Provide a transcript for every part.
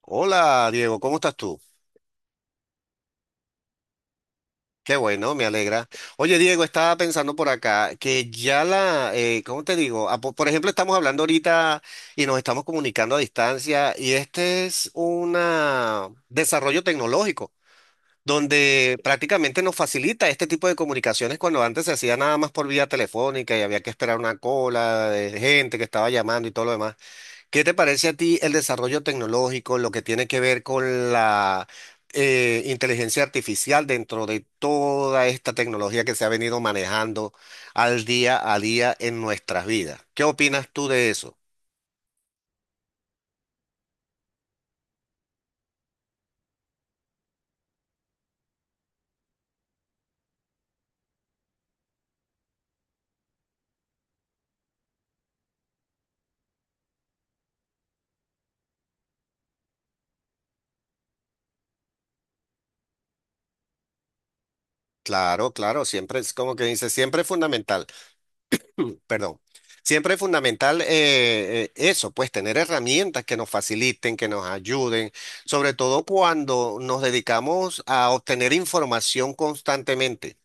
Hola Diego, ¿cómo estás tú? Qué bueno, me alegra. Oye Diego, estaba pensando por acá que ya la, ¿cómo te digo? Ah, por ejemplo, estamos hablando ahorita y nos estamos comunicando a distancia y este es un desarrollo tecnológico donde prácticamente nos facilita este tipo de comunicaciones cuando antes se hacía nada más por vía telefónica y había que esperar una cola de gente que estaba llamando y todo lo demás. ¿Qué te parece a ti el desarrollo tecnológico, lo que tiene que ver con la inteligencia artificial dentro de toda esta tecnología que se ha venido manejando al día a día en nuestras vidas? ¿Qué opinas tú de eso? Claro, claro, siempre es como que dice, siempre es fundamental, perdón, siempre es fundamental eso, pues tener herramientas que nos faciliten, que nos ayuden, sobre todo cuando nos dedicamos a obtener información constantemente.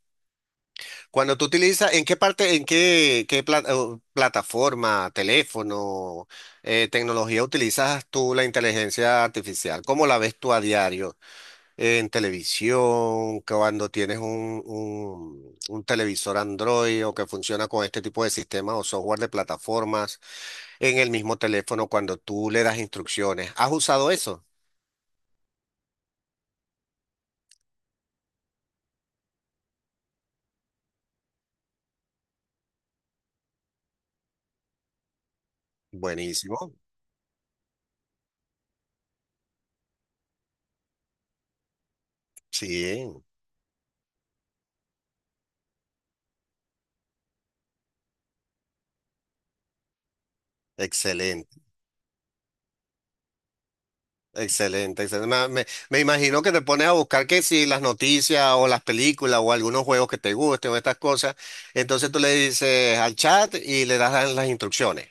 Cuando tú utilizas, ¿en qué parte, en qué, qué o plataforma, teléfono, tecnología utilizas tú la inteligencia artificial? ¿Cómo la ves tú a diario? ¿En televisión? ¿Cuando tienes un televisor Android o que funciona con este tipo de sistemas o software de plataformas? ¿En el mismo teléfono cuando tú le das instrucciones? ¿Has usado eso? Buenísimo. Sí, excelente. Excelente, excelente. Me imagino que te pones a buscar que si las noticias o las películas o algunos juegos que te gusten o estas cosas, entonces tú le dices al chat y le das las instrucciones.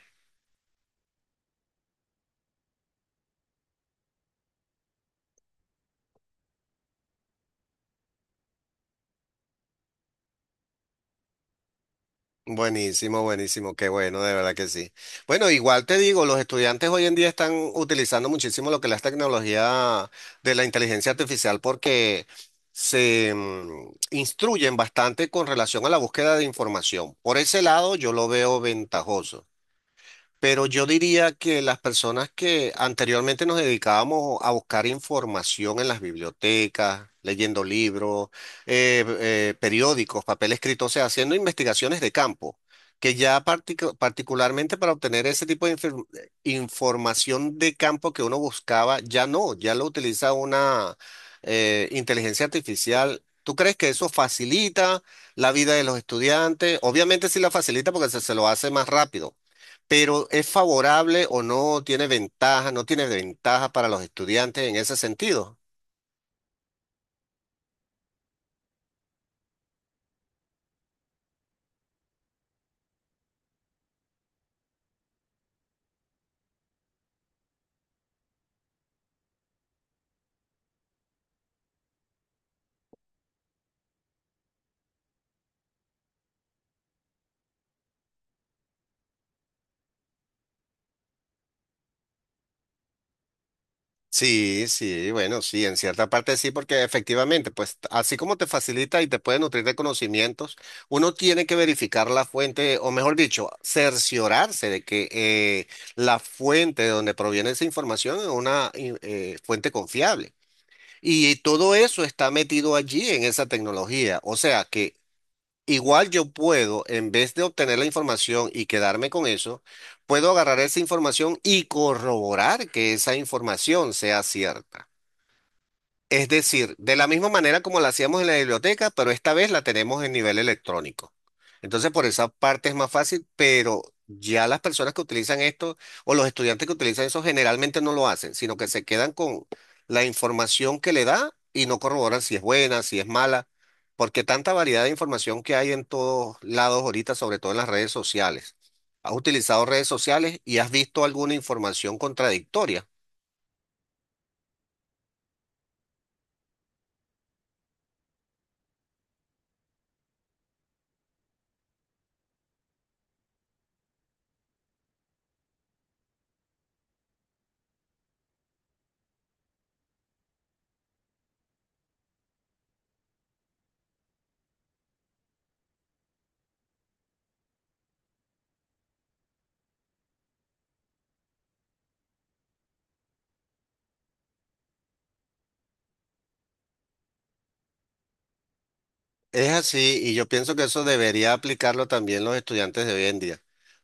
Buenísimo, buenísimo, qué bueno, de verdad que sí. Bueno, igual te digo, los estudiantes hoy en día están utilizando muchísimo lo que es la tecnología de la inteligencia artificial porque se instruyen bastante con relación a la búsqueda de información. Por ese lado, yo lo veo ventajoso. Pero yo diría que las personas que anteriormente nos dedicábamos a buscar información en las bibliotecas, leyendo libros, periódicos, papel escrito, o sea, haciendo investigaciones de campo, que ya particularmente para obtener ese tipo de información de campo que uno buscaba, ya no, ya lo utiliza una inteligencia artificial. ¿Tú crees que eso facilita la vida de los estudiantes? Obviamente sí la facilita porque se lo hace más rápido. Pero ¿es favorable o no tiene ventaja, no tiene ventaja para los estudiantes en ese sentido? Sí, sí, bueno, sí, en cierta parte sí, porque efectivamente, pues así como te facilita y te puede nutrir de conocimientos, uno tiene que verificar la fuente, o mejor dicho, cerciorarse de que la fuente de donde proviene esa información es una fuente confiable. Y todo eso está metido allí en esa tecnología. O sea que igual yo puedo, en vez de obtener la información y quedarme con eso, puedo agarrar esa información y corroborar que esa información sea cierta. Es decir, de la misma manera como la hacíamos en la biblioteca, pero esta vez la tenemos en nivel electrónico. Entonces, por esa parte es más fácil, pero ya las personas que utilizan esto o los estudiantes que utilizan eso generalmente no lo hacen, sino que se quedan con la información que le da y no corroboran si es buena, si es mala, porque tanta variedad de información que hay en todos lados ahorita, sobre todo en las redes sociales. ¿Has utilizado redes sociales y has visto alguna información contradictoria? Es así, y yo pienso que eso debería aplicarlo también los estudiantes de hoy en día,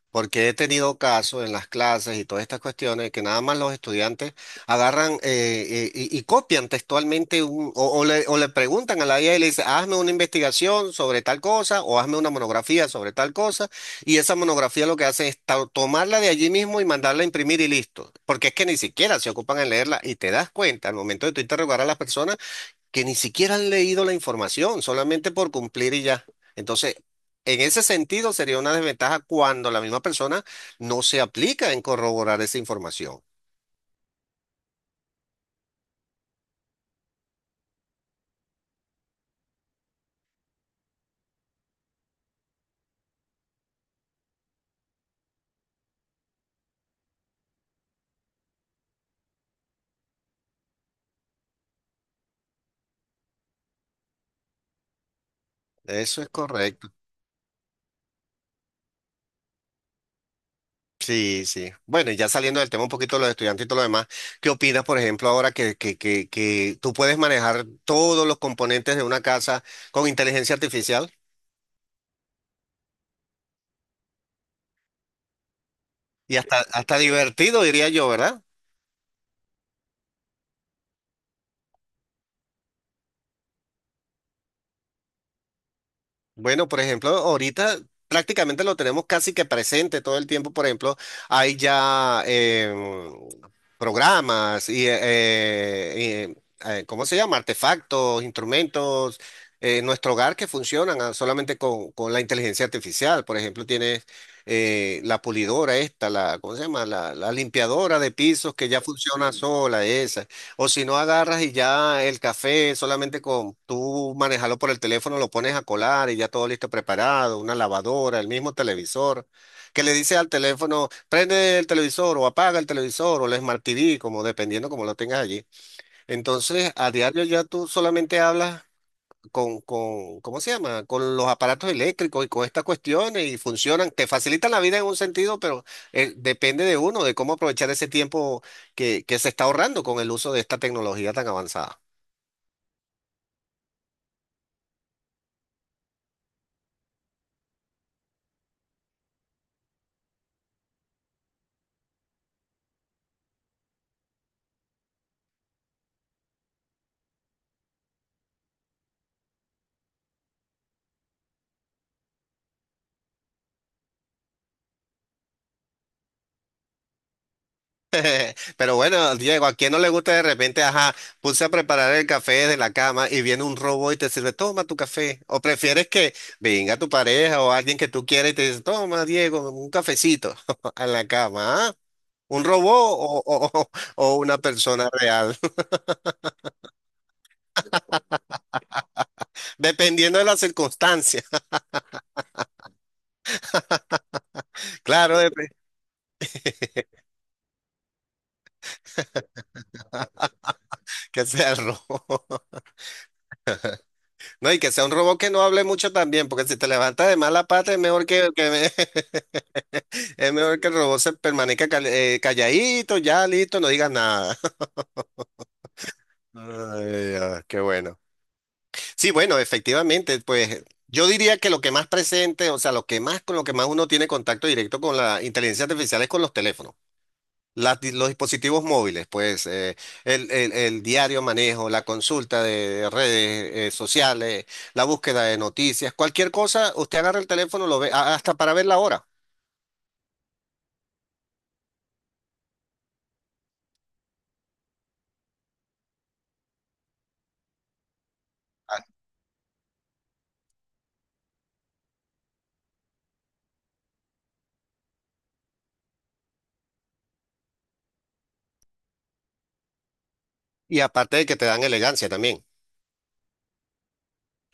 porque he tenido casos en las clases y todas estas cuestiones que nada más los estudiantes agarran y copian textualmente o, o le preguntan a la IA y le dicen, hazme una investigación sobre tal cosa o hazme una monografía sobre tal cosa, y esa monografía lo que hace es tomarla de allí mismo y mandarla a imprimir y listo, porque es que ni siquiera se ocupan en leerla y te das cuenta al momento de tú interrogar a las personas que ni siquiera han leído la información, solamente por cumplir y ya. Entonces, en ese sentido sería una desventaja cuando la misma persona no se aplica en corroborar esa información. Eso es correcto. Sí, sí. Bueno, y ya saliendo del tema un poquito de los estudiantes y todo lo demás, ¿qué opinas, por ejemplo, ahora que tú puedes manejar todos los componentes de una casa con inteligencia artificial? Y hasta, hasta divertido, diría yo, ¿verdad? Bueno, por ejemplo, ahorita prácticamente lo tenemos casi que presente todo el tiempo. Por ejemplo, hay ya programas y, ¿cómo se llama? Artefactos, instrumentos en nuestro hogar que funcionan solamente con la inteligencia artificial. Por ejemplo, tienes la pulidora esta, la, ¿cómo se llama? La limpiadora de pisos que ya funciona sola, esa. O si no agarras y ya el café solamente con tú manejarlo por el teléfono, lo pones a colar y ya todo listo preparado, una lavadora, el mismo televisor, que le dice al teléfono, prende el televisor o apaga el televisor o el Smart TV, como dependiendo como lo tengas allí. Entonces, a diario ya tú solamente hablas ¿cómo se llama? Con los aparatos eléctricos y con estas cuestiones y funcionan, te facilitan la vida en un sentido, pero depende de uno, de cómo aprovechar ese tiempo que se está ahorrando con el uso de esta tecnología tan avanzada. Pero bueno, Diego, a quien no le gusta de repente, ajá, puse a preparar el café desde la cama y viene un robot y te sirve, toma tu café. O prefieres que venga tu pareja o alguien que tú quieras y te dice, toma, Diego, un cafecito en la cama, ¿ah? ¿Un robot o, o una persona real? Dependiendo de las circunstancias. Claro, dep- que sea el robo. No, y que sea un robot que no hable mucho también, porque si te levantas de mala pata, es mejor que me- es mejor que el robot se permanezca calladito, ya listo, no digas nada. Ay, ah, qué bueno. Sí, bueno, efectivamente, pues yo diría que lo que más presente, o sea, lo que más con lo que más uno tiene contacto directo con la inteligencia artificial es con los teléfonos. Las los dispositivos móviles, pues el diario manejo, la consulta de redes sociales, la búsqueda de noticias, cualquier cosa, usted agarra el teléfono, lo ve hasta para ver la hora. Y aparte de que te dan elegancia también.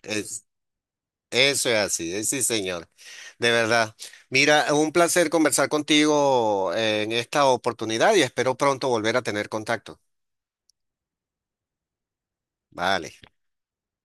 Es, eso es así, sí, señor. De verdad. Mira, un placer conversar contigo en esta oportunidad y espero pronto volver a tener contacto. Vale.